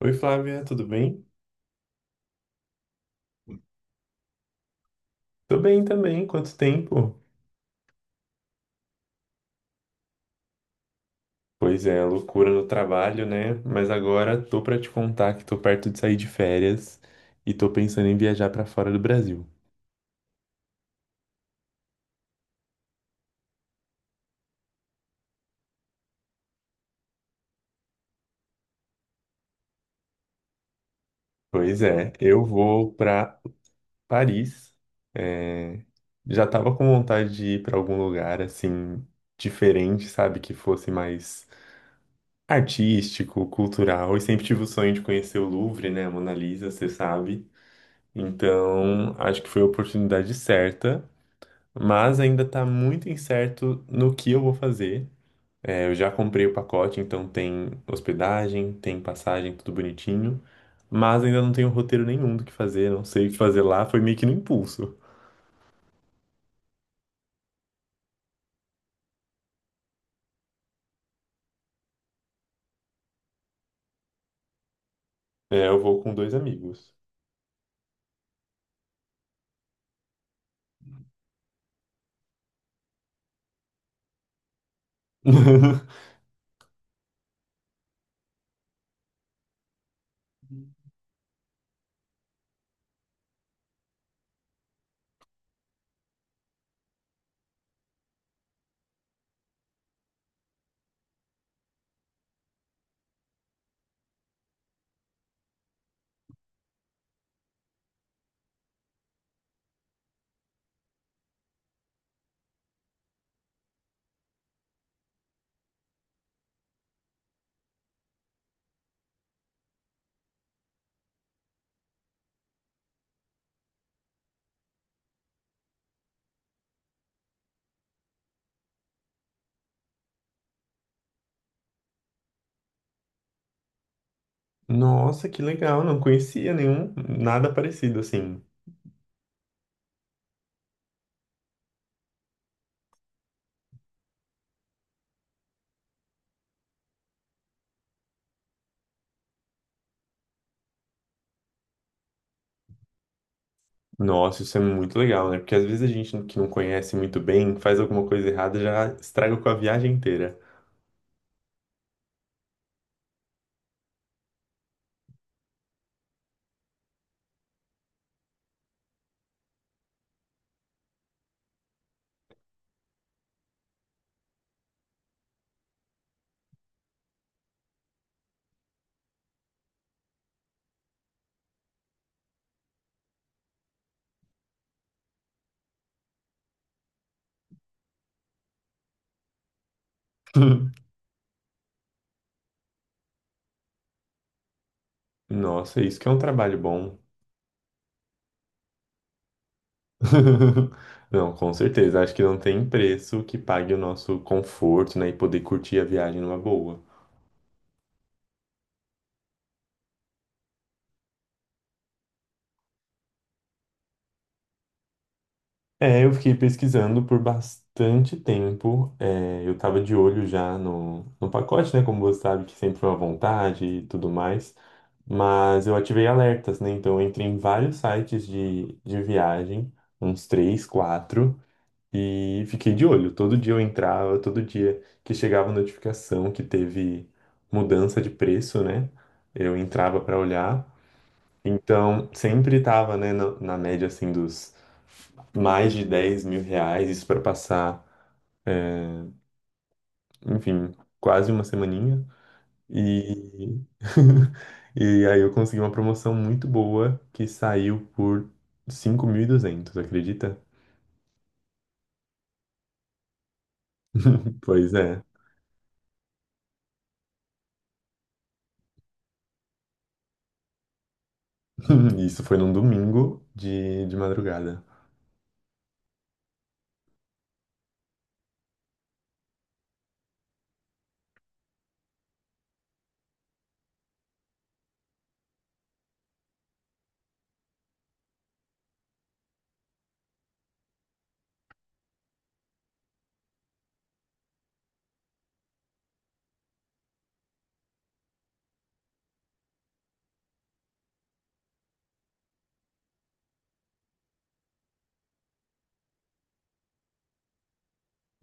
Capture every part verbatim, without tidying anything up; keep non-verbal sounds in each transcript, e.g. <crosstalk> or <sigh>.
Oi, Flávia, tudo bem? Tô bem também, quanto tempo? Pois é, loucura no trabalho, né? Mas agora tô pra te contar que tô perto de sair de férias e tô pensando em viajar pra fora do Brasil. Pois é, eu vou pra Paris. É, já tava com vontade de ir pra algum lugar assim diferente, sabe, que fosse mais artístico, cultural. E sempre tive o sonho de conhecer o Louvre, né, a Mona Lisa, você sabe. Então, acho que foi a oportunidade certa. Mas ainda tá muito incerto no que eu vou fazer. É, eu já comprei o pacote, então tem hospedagem, tem passagem, tudo bonitinho, mas ainda não tenho roteiro nenhum do que fazer, não sei o que fazer lá, foi meio que no impulso. É, eu vou com dois amigos. <laughs> Nossa, que legal, não conhecia nenhum, nada parecido assim. Nossa, isso é muito legal, né? Porque às vezes a gente que não conhece muito bem, faz alguma coisa errada, já estraga com a viagem inteira. <laughs> Nossa, isso que é um trabalho bom. <laughs> Não, com certeza. Acho que não tem preço que pague o nosso conforto, né? E poder curtir a viagem numa boa. É, eu fiquei pesquisando por bastante tempo. É, eu tava de olho já no, no pacote, né? Como você sabe, que sempre foi uma vontade e tudo mais. Mas eu ativei alertas, né? Então eu entrei em vários sites de, de viagem, uns três, quatro. E fiquei de olho. Todo dia eu entrava, todo dia que chegava notificação que teve mudança de preço, né? Eu entrava para olhar. Então, sempre estava, né, na, na média assim dos mais de dez mil reais, isso para passar, enfim, quase uma semaninha. E... <laughs> e aí eu consegui uma promoção muito boa que saiu por cinco mil e duzentos, acredita? Pois é. <laughs> Isso foi num domingo de, de madrugada.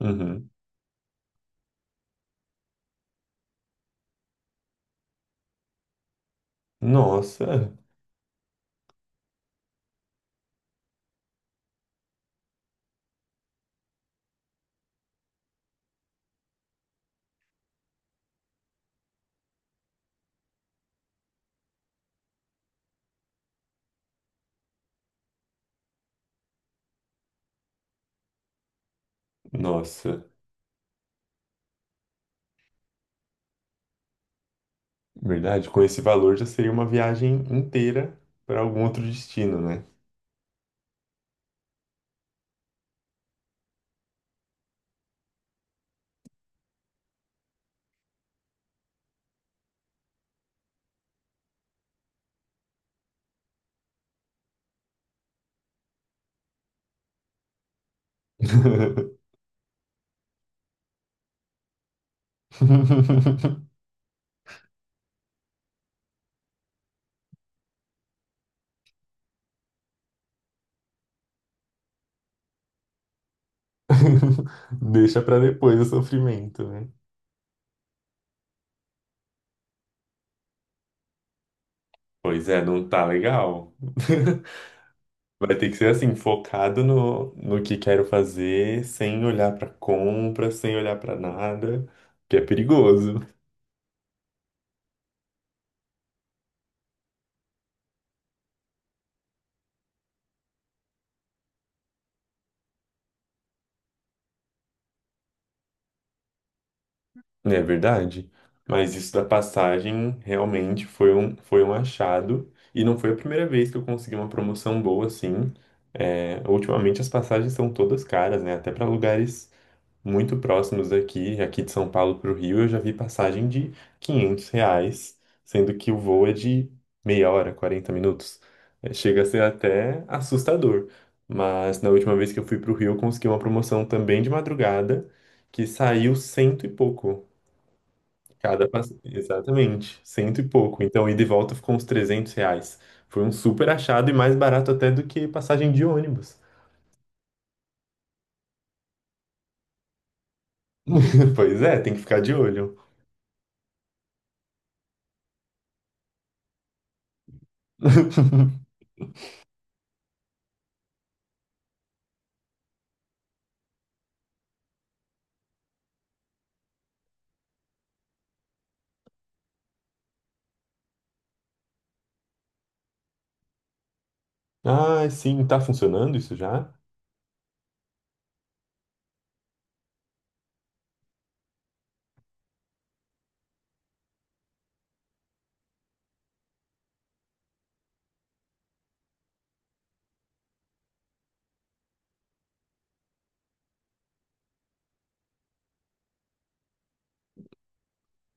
Uhum. Nossa, nossa, verdade. Com esse valor já seria uma viagem inteira para algum outro destino, né? <laughs> Deixa para depois o sofrimento, né? Pois é, não tá legal. <laughs> Vai ter que ser assim, focado no, no que quero fazer, sem olhar para compra, sem olhar para nada, que é perigoso. Não é verdade? Mas isso da passagem realmente foi um, foi um achado. E não foi a primeira vez que eu consegui uma promoção boa assim. É, ultimamente as passagens são todas caras, né? Até para lugares muito próximos daqui, aqui de São Paulo para o Rio, eu já vi passagem de quinhentos reais, sendo que o voo é de meia hora, quarenta minutos. É, chega a ser até assustador. Mas na última vez que eu fui para o Rio, eu consegui uma promoção também de madrugada que saiu cento e pouco. Cada passe... Exatamente, cento e pouco. Então, ida e volta ficou uns trezentos reais. Foi um super achado e mais barato até do que passagem de ônibus. <laughs> Pois é, tem que ficar de olho. <laughs> Ah, sim, tá funcionando isso já?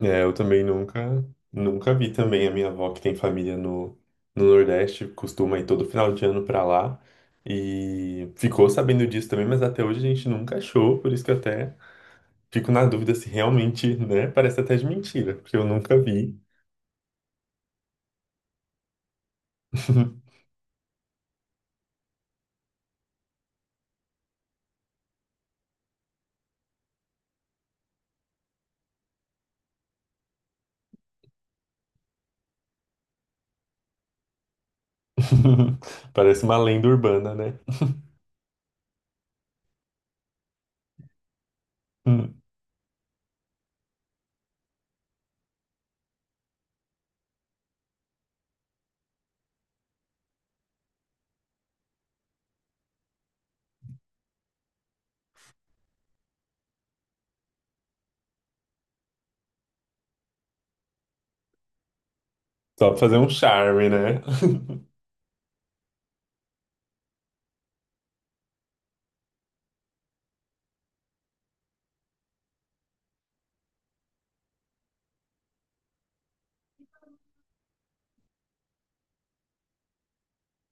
É, eu também nunca, nunca vi também. A minha avó, que tem família no, no Nordeste, costuma ir todo final de ano pra lá. E ficou sabendo disso também, mas até hoje a gente nunca achou, por isso que eu até fico na dúvida se realmente, né, parece até de mentira, porque eu nunca vi. <laughs> Parece uma lenda urbana, né? Hum. Só pra fazer um charme, né? <laughs>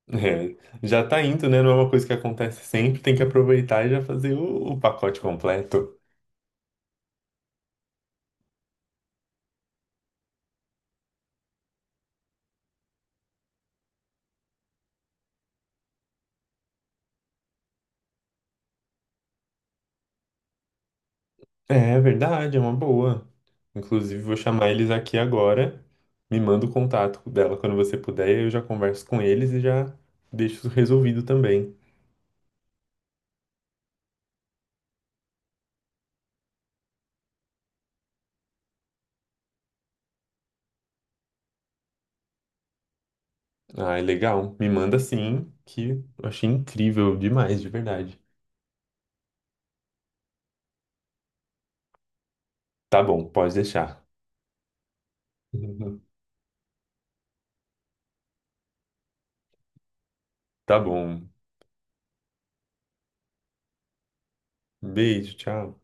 É, já tá indo, né? Não é uma coisa que acontece sempre, tem que aproveitar e já fazer o, o pacote completo. É é verdade, é uma boa. Inclusive, vou chamar eles aqui agora. Me manda o contato dela quando você puder, eu já converso com eles e já deixo isso resolvido também. Ah, é legal. Me manda sim, que eu achei incrível demais, de verdade. Tá bom, pode deixar. <laughs> Tá bom. Beijo, tchau.